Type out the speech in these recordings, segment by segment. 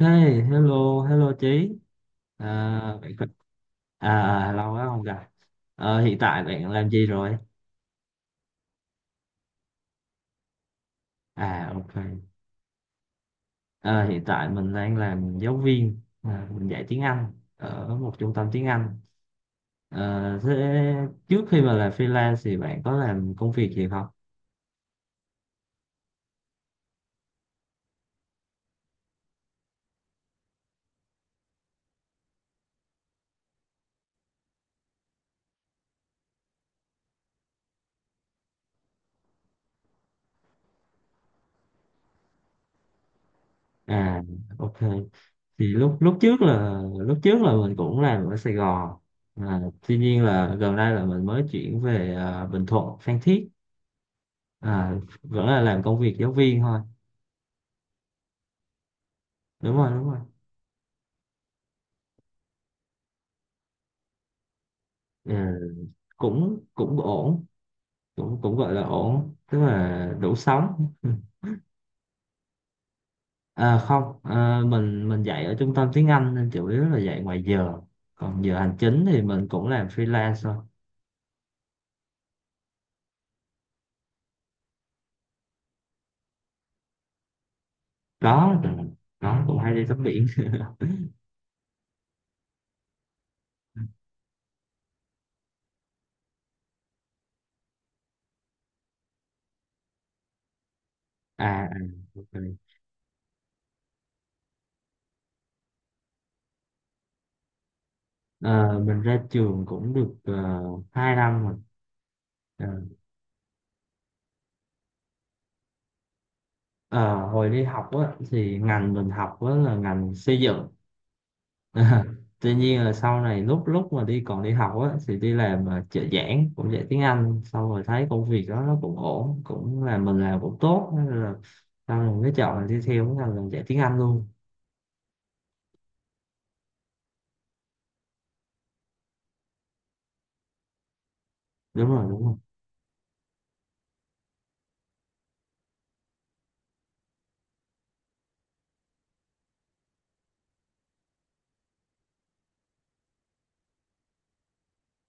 Hey, hello, hello Chí. À, bạn có- à, à, Lâu quá không gặp. Hiện tại bạn làm gì rồi? À, ok. Ờ, Hiện tại mình đang làm giáo viên, mình dạy tiếng Anh ở một trung tâm tiếng Anh. Thế trước khi mà làm freelance thì bạn có làm công việc gì không? À, ok. Thì lúc lúc trước là mình cũng làm ở Sài Gòn. À, Tuy nhiên là gần đây là mình mới chuyển về Bình Thuận, Phan Thiết. à, Vẫn là làm công việc giáo viên thôi. Đúng rồi, đúng rồi. Ừ, cũng cũng ổn, cũng cũng gọi là ổn, tức là đủ sống. Ừ. Không, mình dạy ở trung tâm tiếng Anh nên chủ yếu là dạy ngoài giờ, còn giờ hành chính thì mình cũng làm freelance thôi. có có cũng hay đi tắm biển. À, à, ok. Ờ, mình ra trường cũng được 2 năm rồi. Ờ, ờ, Hồi đi học á, thì ngành mình học á, là ngành xây dựng. À, tuy nhiên là sau này lúc lúc mà đi còn đi học á thì đi làm trợ giảng, cũng dạy tiếng Anh, xong rồi thấy công việc đó nó cũng ổn, cũng là mình làm cũng tốt, nên là sau này mới chọn là đi theo cái ngành là dạy tiếng Anh luôn. Đúng rồi, đúng rồi.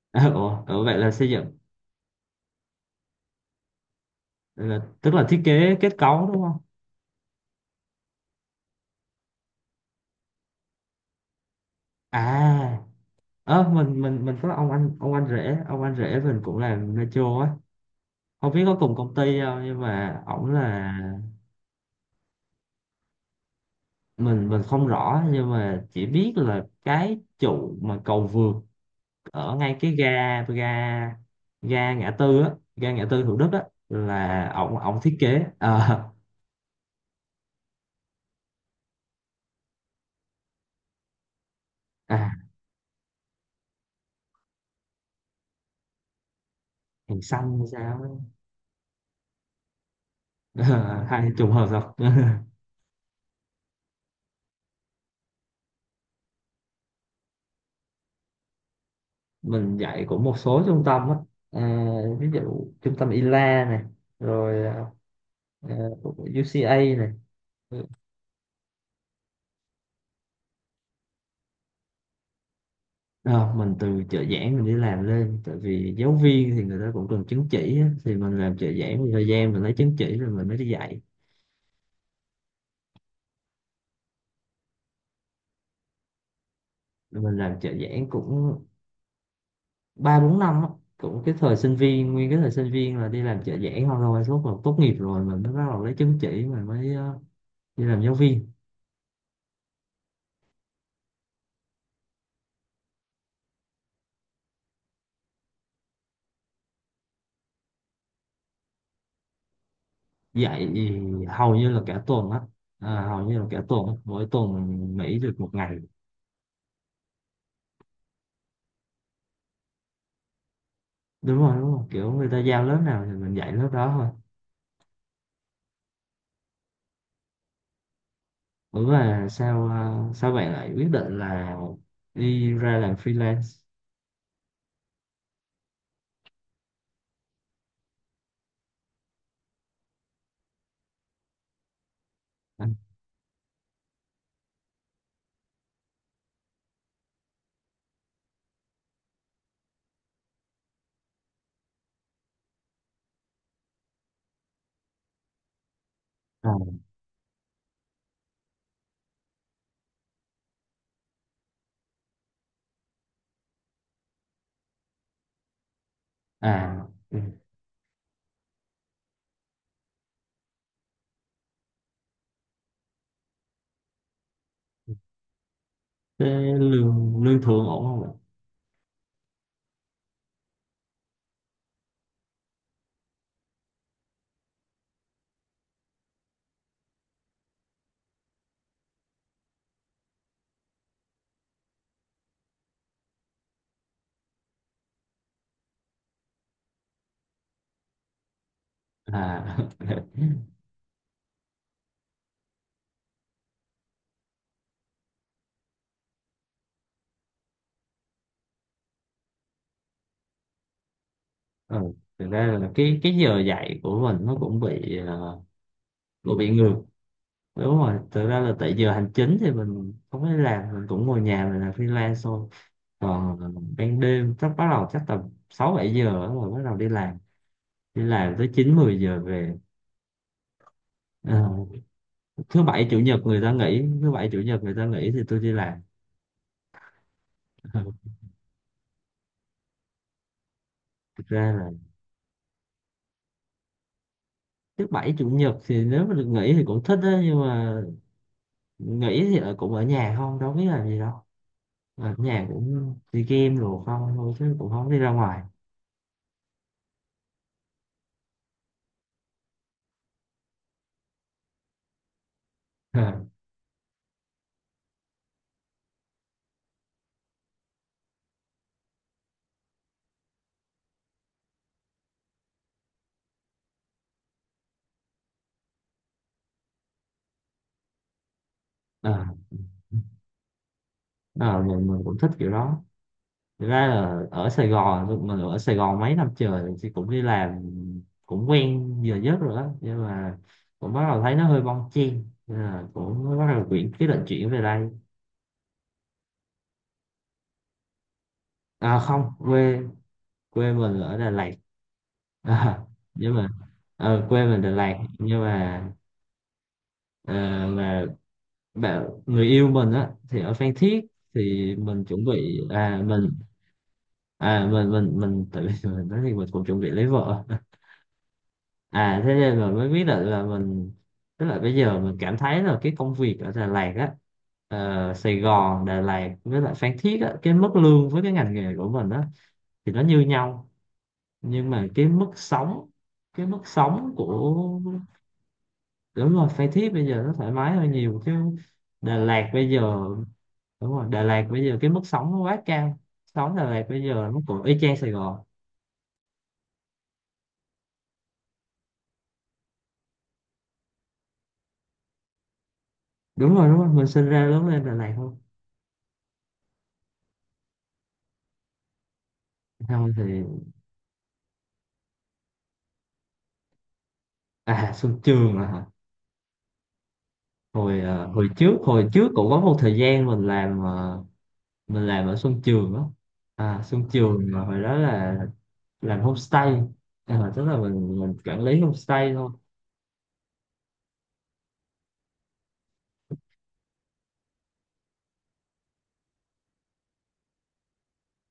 Ủa vậy là xây dựng, là, tức là thiết kế kết cấu đúng không? À, ơ mình có ông anh, ông anh rể mình cũng làm metro á. Không biết có cùng công ty không nhưng mà ổng là, mình không rõ nhưng mà chỉ biết là cái trụ mà cầu vượt ở ngay cái ga ga ga ngã tư á, ga ngã tư Thủ Đức á, là ổng ổng thiết kế. Ờ, à, hàng xanh hay sao á. Ờ, hay trùng hợp thật. Mình dạy cũng một số trung tâm á. Ờ, ví dụ trung tâm ILA này, rồi ờ, UCA này. Ờ, mình từ trợ giảng mình đi làm lên, tại vì giáo viên thì người ta cũng cần chứng chỉ á. Thì mình làm trợ giảng một thời gian, mình lấy chứng chỉ rồi mình mới đi dạy. Rồi mình làm trợ giảng cũng ba bốn năm á. Cũng cái thời sinh viên, nguyên cái thời sinh viên là đi làm trợ giảng không thôi, lúc mà tốt nghiệp rồi mình mới bắt đầu lấy chứng chỉ mình mới đi làm giáo viên. Dạy thì hầu như là cả tuần á. Hầu như là cả tuần á. Mỗi tuần mình nghỉ được một ngày. Đúng rồi, đúng rồi, kiểu người ta giao lớp nào thì mình dạy lớp đó thôi. Ủa là sao sao bạn lại quyết định là đi ra làm freelance? À, à, à, ừ. Thế lương lương thường ổn không ạ? À, ừ. Thực ra là cái giờ dạy của mình nó cũng bị cũng bị ngược. Đúng rồi, thực ra là tại giờ hành chính thì mình không phải làm, mình cũng ngồi nhà mình làm freelance thôi. Còn ban đêm chắc bắt đầu, chắc tầm 6 7 giờ á, rồi bắt đầu đi làm. Đi làm tới 9 10 giờ về. Ờ, thứ bảy chủ nhật người ta nghỉ thì tôi đi làm. Thực ra là thứ bảy chủ nhật thì nếu mà được nghỉ thì cũng thích á, nhưng mà nghỉ thì cũng ở nhà không, đâu biết làm gì đâu. Ờ, ở nhà cũng đi game rồi không thôi chứ cũng không đi ra ngoài. Ờ, ờ, ờ, mình, cũng thích kiểu đó. Thực ra là ở Sài Gòn mình ở Sài Gòn mấy năm trời thì cũng đi làm, cũng quen giờ giấc rồi đó, nhưng mà cũng bắt đầu thấy nó hơi bon chen. Nên là cũng bắt đầu chuyển, cái định chuyển về đây. À không, quê quê mình ở Đà Lạt. À, nhưng mà ờ, quê mình Đà Lạt nhưng mà ờ, mà bạn người yêu mình á thì ở Phan Thiết, thì mình chuẩn bị mình, à mình tự, mình nói thì mình cũng chuẩn bị lấy vợ. À thế nên là mới biết là mình, tức là bây giờ mình cảm thấy là cái công việc ở Đà Lạt á, Sài Gòn, Đà Lạt với lại Phan Thiết á, cái mức lương với cái ngành nghề của mình á thì nó như nhau, nhưng mà cái mức sống, cái mức sống của đúng rồi, Phan Thiết bây giờ nó thoải mái hơn nhiều chứ. Đà Lạt bây giờ Đúng rồi, Đà Lạt bây giờ cái mức sống nó quá cao, sống Đà Lạt bây giờ nó cũng y chang Sài Gòn. Đúng rồi, đúng rồi, mình sinh ra lớn lên Đà Lạt thôi. Không thì, à Xuân Trường à hả? Hồi hồi trước, hồi trước cũng có một thời gian mình làm mình làm ở Xuân Trường đó. À Xuân Trường, mà hồi đó là làm homestay. À, tức là mình quản lý homestay thôi.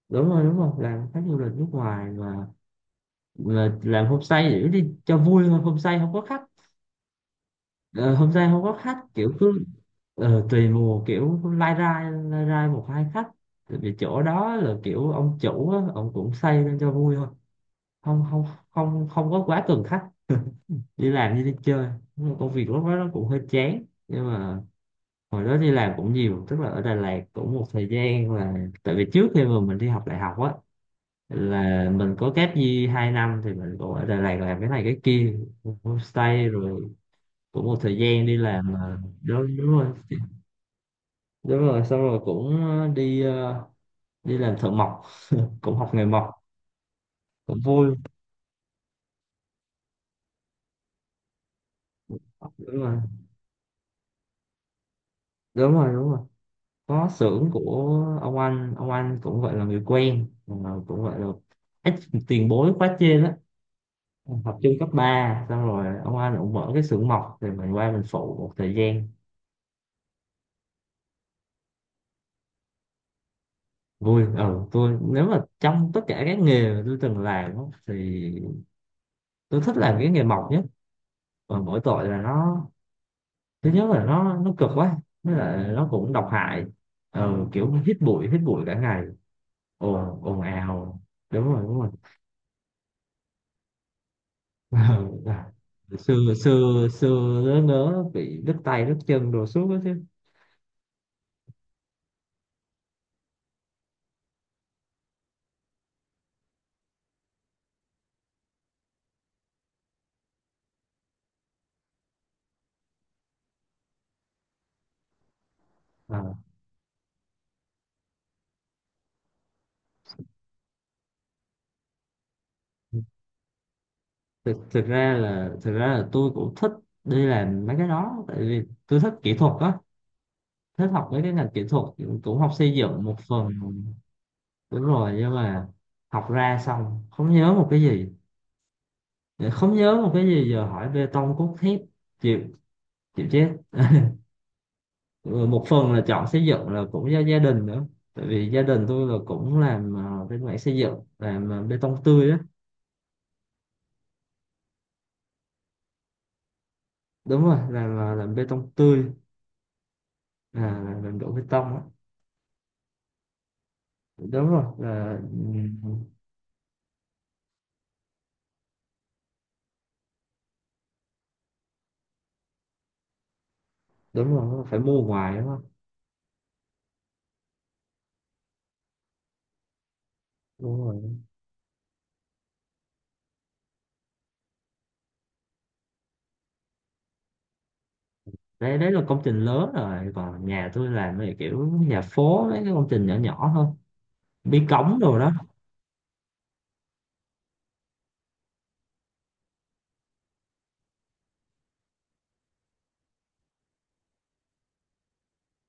Đúng rồi, đúng rồi, làm khách du lịch nước ngoài mà làm homestay để đi cho vui thôi, homestay không có khách. Ờ, homestay không có khách, kiểu cứ ờ, tùy mùa, kiểu lai rai, một hai khách. Tại vì chỗ đó là kiểu ông chủ á, ông cũng xây lên cho vui thôi, không không không, không có quá cần khách, đi làm như đi chơi. Nhưng mà công việc lúc đó nó cũng hơi chán, nhưng mà hồi đó đi làm cũng nhiều, tức là ở Đà Lạt cũng một thời gian là, tại vì trước khi mà mình đi học đại học á, là mình có kép gì hai năm thì mình cũng ở Đà Lạt làm cái này cái kia, homestay rồi cũng một thời gian đi làm đúng, đúng rồi. Đúng rồi, xong rồi cũng đi, đi làm thợ mộc, cũng học nghề mộc, cũng vui. Đúng rồi, đúng rồi, đúng rồi, có xưởng của ông anh, cũng gọi là người quen, cũng gọi là ít tiền bối quá trên á, học chung cấp 3, xong rồi ông anh cũng mở cái xưởng mộc thì mình qua mình phụ một thời gian. Vui, ờ tôi nếu mà trong tất cả các nghề mà tôi từng làm á, thì tôi thích làm cái nghề mộc nhất, và mỗi tội là nó, thứ nhất là nó cực quá, với lại nó cũng độc hại. Ừ, kiểu hít bụi, hít bụi cả ngày, ồn ồn ào. Đúng rồi, đúng rồi. Ừ, à, xưa, xưa nớ nớ bị đứt tay đứt chân đồ suốt đó chứ. Ờ, thực ra là, tôi cũng thích đi làm mấy cái đó, tại vì tôi thích kỹ thuật á, thích học mấy cái ngành kỹ thuật, cũng học xây dựng một phần. Đúng rồi, nhưng mà học ra xong không nhớ một cái gì, không nhớ một cái gì, giờ hỏi bê tông cốt thép chịu, chịu chết. Ừ, một phần là chọn xây dựng là cũng do gia đình nữa, tại vì gia đình tôi là cũng làm bên mảng xây dựng, làm bê tông tươi á. Đúng rồi, làm làm bê tông tươi. À, làm đổ bê tông á. Đúng rồi là ừ, đúng rồi phải mua ngoài đúng không. Đúng rồi, đấy đấy là công trình lớn rồi, còn nhà tôi làm thì kiểu nhà phố mấy cái công trình nhỏ nhỏ thôi, bí cống đồ đó.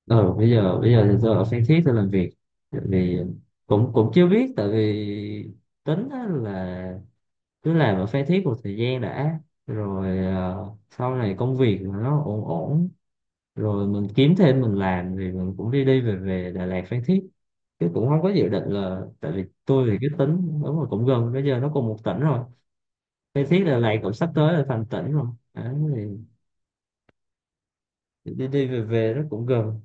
Ừ, bây giờ thì tôi ở Phan Thiết tôi làm việc, tại vì cũng cũng chưa biết, tại vì tính á là cứ làm ở Phan Thiết một thời gian đã, rồi ờ, sau này công việc mà nó ổn ổn rồi mình kiếm thêm mình làm, thì mình cũng đi đi về về Đà Lạt, Phan Thiết. Chứ cũng không có dự định là, tại vì tôi thì cái tính đúng là, cũng gần, bây giờ nó cùng một tỉnh rồi, Phan Thiết là lại cũng sắp tới là thành tỉnh rồi. Đấy, thì đi đi về về nó cũng gần.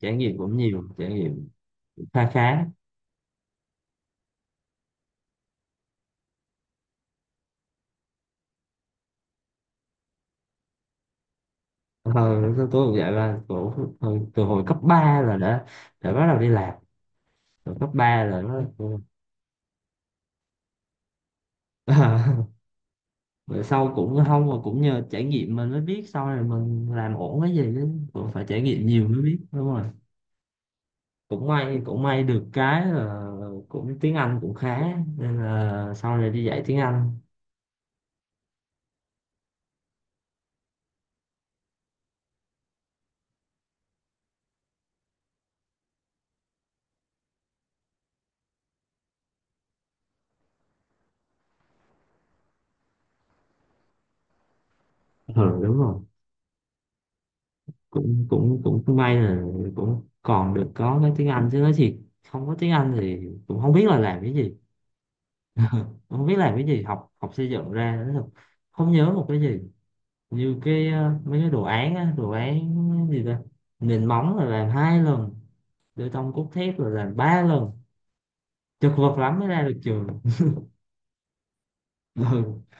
Trải nghiệm cũng nhiều trải nghiệm, khá khá. Ờ, tôi cũng vậy là cổ, từ hồi cấp ba là đã bắt đầu đi làm, từ cấp 3 là nó. Rồi sau cũng không mà cũng nhờ trải nghiệm mình mới biết sau này mình làm ổn cái gì, chứ cũng phải trải nghiệm nhiều mới biết. Đúng rồi, cũng may, cũng may được cái là cũng tiếng Anh cũng khá nên là sau này đi dạy tiếng Anh. Ừ, đúng rồi, cũng cũng cũng may là cũng còn được có cái tiếng Anh, chứ nói thiệt không có tiếng Anh thì cũng không biết là làm cái gì, không biết làm cái gì. Học, xây dựng ra nói thật không nhớ một cái gì. Như cái mấy cái đồ án á, đồ án gì ta Nền móng là làm hai lần, bê tông cốt thép là làm ba lần, chật vật lắm mới ra được trường.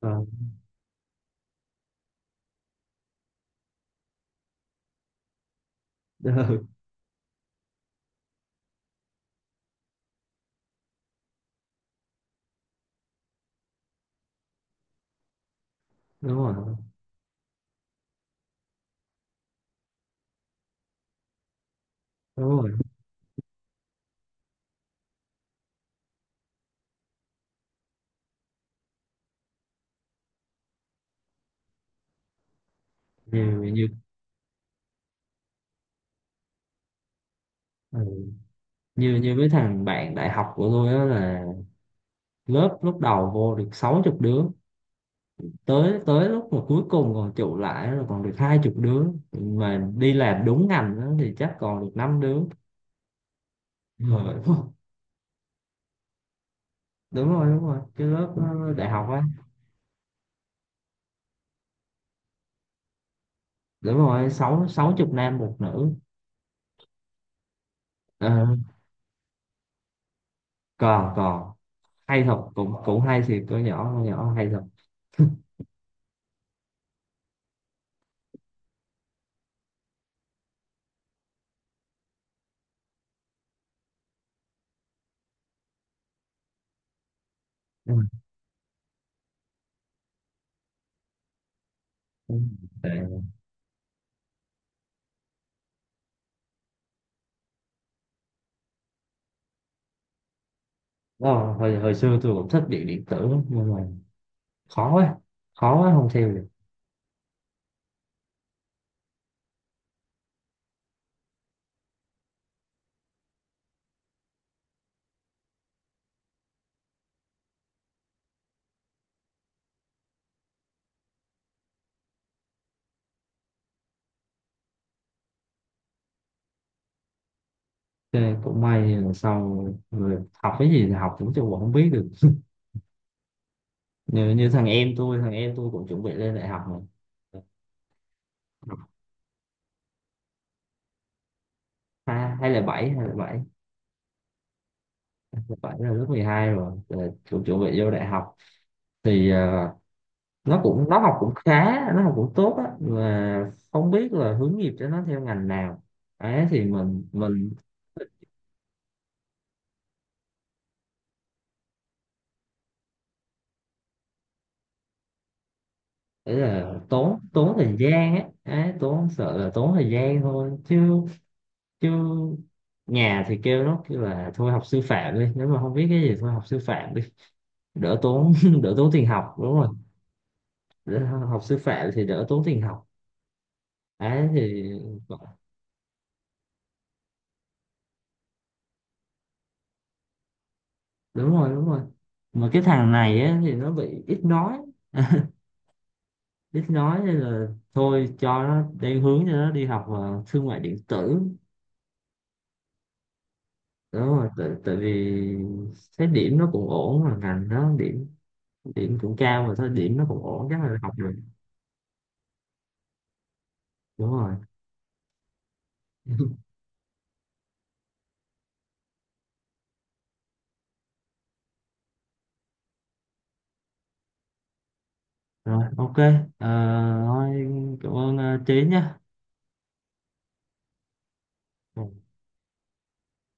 Ừ, ừ, ừ, đúng rồi, đúng rồi, nhiều nhiều. Ừ. Nhiều nhiều mấy thằng bạn đại học của tôi á là, lớp lúc đầu vô được sáu chục đứa, tới tới lúc mà cuối cùng còn trụ lại rồi còn được hai chục đứa, mà đi làm đúng ngành đó thì chắc còn được năm đứa rồi. Đúng rồi, đúng rồi, cái lớp đại học á. Đúng rồi, sáu sáu chục nam, một nữ. Ờ, còn, hay thật, cũng cũng hay, thì con nhỏ, hay thật. Ừ, ừ. Tệ. Ờ, hồi, xưa tôi cũng thích điện, tử lắm, nhưng mà khó quá, khó quá không theo được. Thế cũng may là sau, rồi học cái gì thì học, cũng chưa không biết được. Như, thằng em tôi, cũng chuẩn bị lên đại học mà. Học, hai hai là bảy hai là bảy hai là bảy là lớp 12 rồi. Rồi ờ, cũng chuẩn bị vô đại học thì nó cũng học cũng khá, nó học cũng tốt á, mà không biết là hướng nghiệp cho nó theo ngành nào. Ấy thì mình, đấy là tốn, thời gian á, đấy, tốn, sợ là tốn thời gian thôi chứ, chứ nhà thì kêu nó, kêu là thôi học sư phạm đi, nếu mà không biết cái gì thôi học sư phạm đi, đỡ tốn đỡ tốn tiền học đúng rồi. Đỡ, học sư phạm thì đỡ tốn tiền học. Ấy thì đúng rồi, đúng rồi. Mà cái thằng này á, thì nó bị ít nói, ít nói nên là thôi cho nó đang hướng cho nó đi học thương mại điện tử. Đúng rồi, tại vì thấy điểm nó cũng ổn, mà ngành nó điểm, cũng cao, mà thôi điểm nó cũng ổn chắc là học được. Đúng rồi. Rồi ok. Ờ, thôi, cảm ơn Trí nhé.